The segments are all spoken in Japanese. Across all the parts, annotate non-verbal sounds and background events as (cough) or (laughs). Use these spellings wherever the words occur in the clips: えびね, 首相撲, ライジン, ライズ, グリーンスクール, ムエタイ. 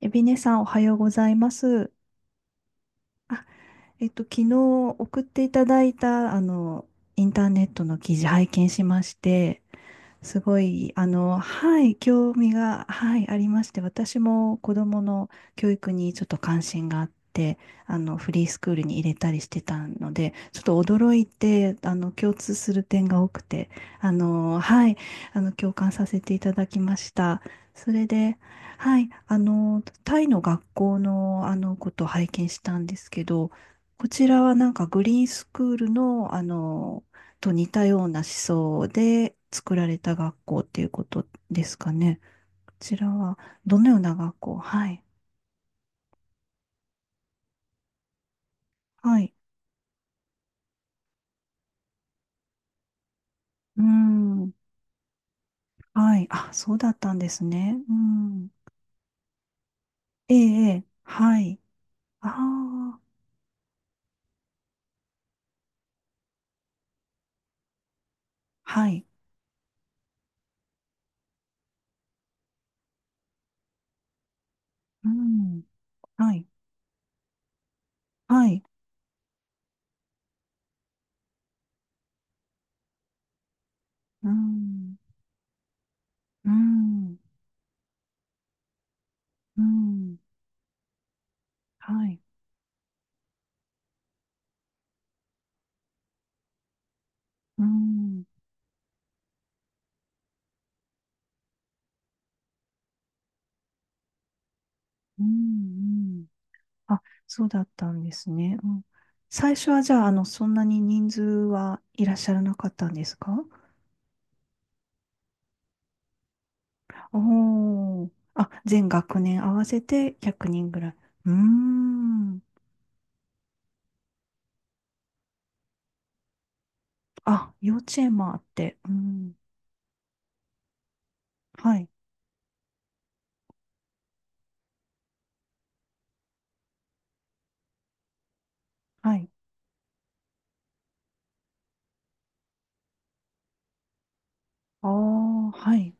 えびねさん、おはようございます。あ、昨日送っていただいた、インターネットの記事拝見しまして、すごい、はい、興味が、はい、ありまして、私も子供の教育にちょっと関心があって、フリースクールに入れたりしてたので、ちょっと驚いて、共通する点が多くて、はい、共感させていただきました。それで、はい、タイの学校の、ことを拝見したんですけど、こちらはなんかグリーンスクールの、と似たような思想で作られた学校っていうことですかね。こちらはどのような学校？はい。はい。うーん。はい。あ、そうだったんですね。うん。ええ、ええ。はい。ああ、はい。うん。はい。はい。うん。うん。うん。はい。うん。うん。うん。あ、そうだったんですね。うん。最初はじゃあ、そんなに人数はいらっしゃらなかったんですか？おー。あ、全学年合わせて100人ぐらい。うーん。あ、幼稚園もあって。うん。はい。はい。ああ、はい。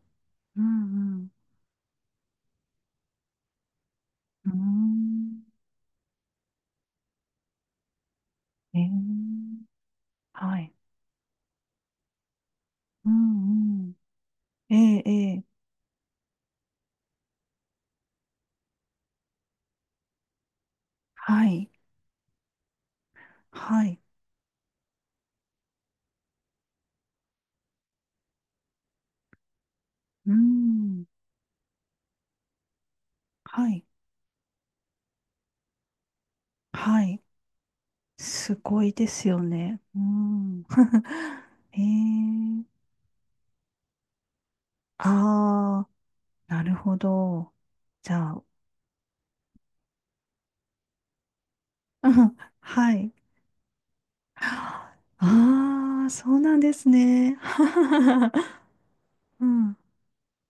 うん、うん。うーん。ええ、はい。うん、うん。ええ、ええ。はい。はい。うん。はい。はい。すごいですよね。うん。(laughs) ええ。ああ、なるほど。じゃあ、うんはい。ああ、そうなんですね。(laughs) うん。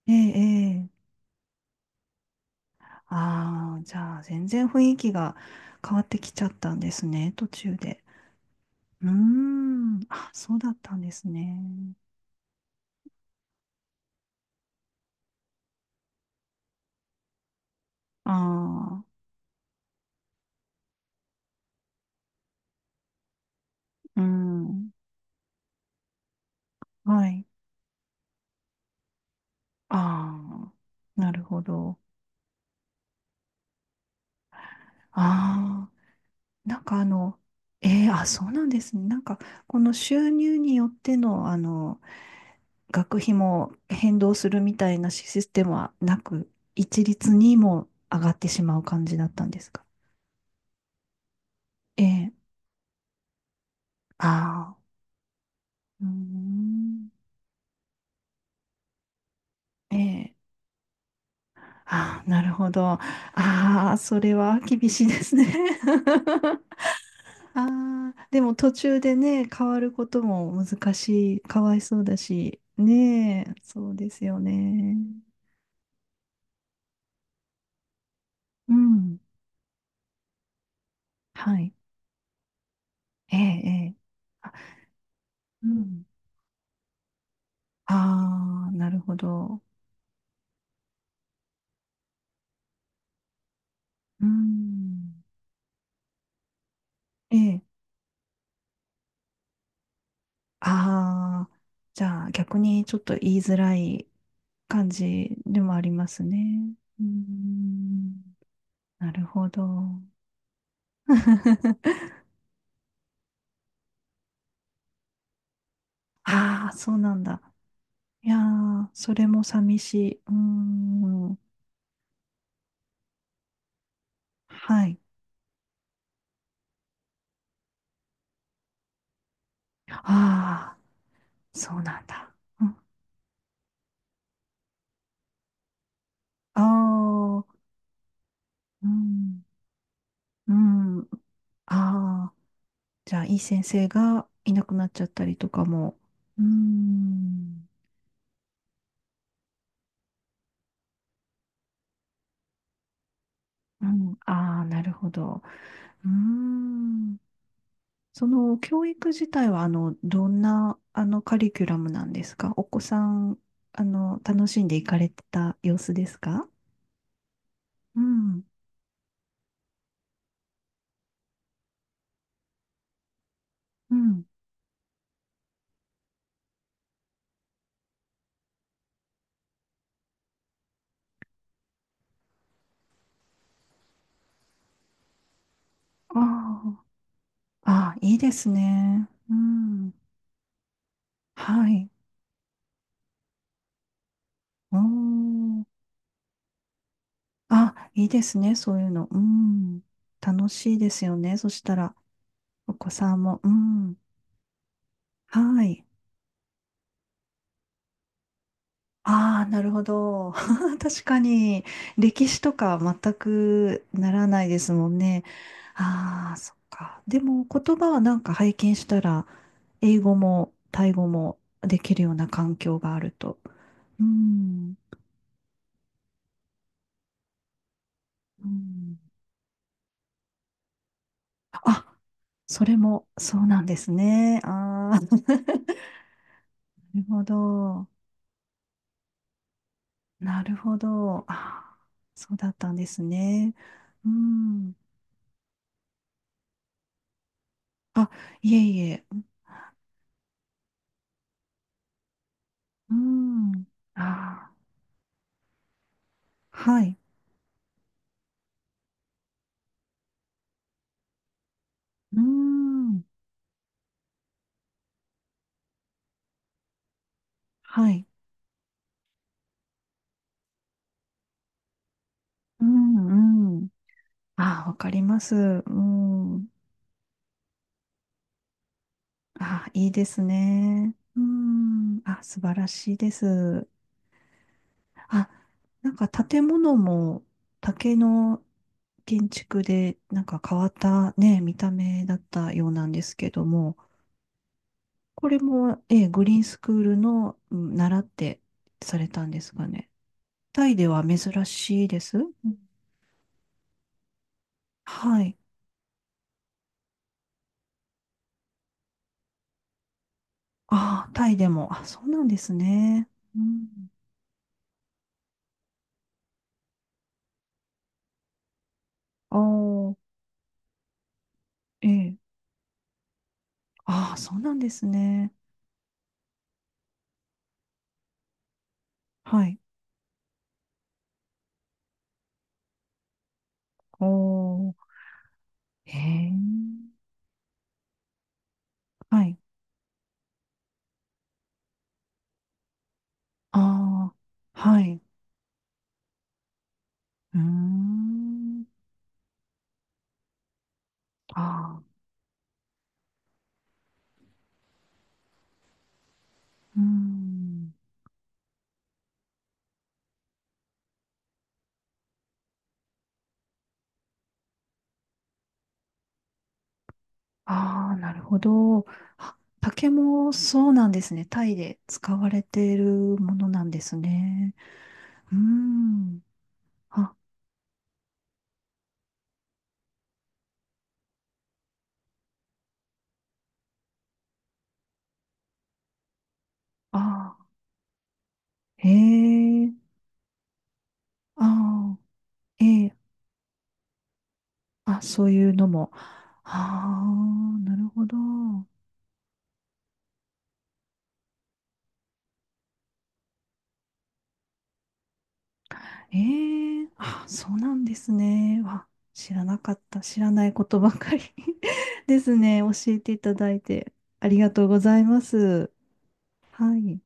ええ、ええ。ああ、じゃあ、全然雰囲気が変わってきちゃったんですね、途中で。うーん。あ、そうだったんですね。ああ、うん。はい。ああ、なるほど。ああ、なんかええ、あ、そうなんですね。なんか、この収入によっての、学費も変動するみたいなシステムはなく、一律にも上がってしまう感じだったんですか？ええ。ああ。うーん。ええ。ああ、なるほど。ああ、それは厳しいですね。(laughs) ああ、でも途中でね、変わることも難しい、かわいそうだし、ねえ、そうですよね。うん。はい。ええ、ええ。あ、うん。ああ、なるほど。うーんええ。ああ、じゃあ逆にちょっと言いづらい感じでもありますね。うーん、なるほど。(laughs) ああ、そうなんだ。いやー、それも寂しい。うーん、はい。ああ、そうなんだ。うん、ああ、うん、うん、ああ、じゃあ、いい先生がいなくなっちゃったりとかも。うーんうん、ああ、なるほど。うーん。その教育自体は、どんな、カリキュラムなんですか？お子さん、楽しんでいかれてた様子ですか？うん、うん。ああ、ああ、いいですね。うん。はい。おー。あ、いいですね、そういうの。うん。楽しいですよね。そしたら、お子さんも。うん。はい。ああ、なるほど。(laughs) 確かに、歴史とか全くならないですもんね。ああ、そっか。でも、言葉はなんか拝見したら、英語もタイ語もできるような環境があると。うん。うん。あ、それもそうなんですね。ああ、(laughs) なるほど。なるほど。あーそうだったんですね。うん。あ、いえいえ。うん。ああ。はい。うーん。はい。うん、うん。ああ、わかります。うん。ああ、いいですね。うん。あ、素晴らしいです。あ、なんか建物も竹の建築でなんか変わったね、見た目だったようなんですけども、これも、ええ、グリーンスクールの習ってされたんですかね。タイでは珍しいです。うんはい。ああ、タイでも。あ、そうなんですね。うん。ああ、ええ。ああ、そうなんですね。はい。おー、へえ。はい。ああ、はい。うーん。ああ、うーん。ああ、なるほど。あ、竹もそうなんですね。タイで使われているものなんですね。うーん。あ、ああ、へえ。ああ、ええあ、そういうのも。ああ、なるほど。ええあ、そうなんですね。わ、知らなかった。知らないことばかり (laughs) ですね。教えていただいてありがとうございます。はい。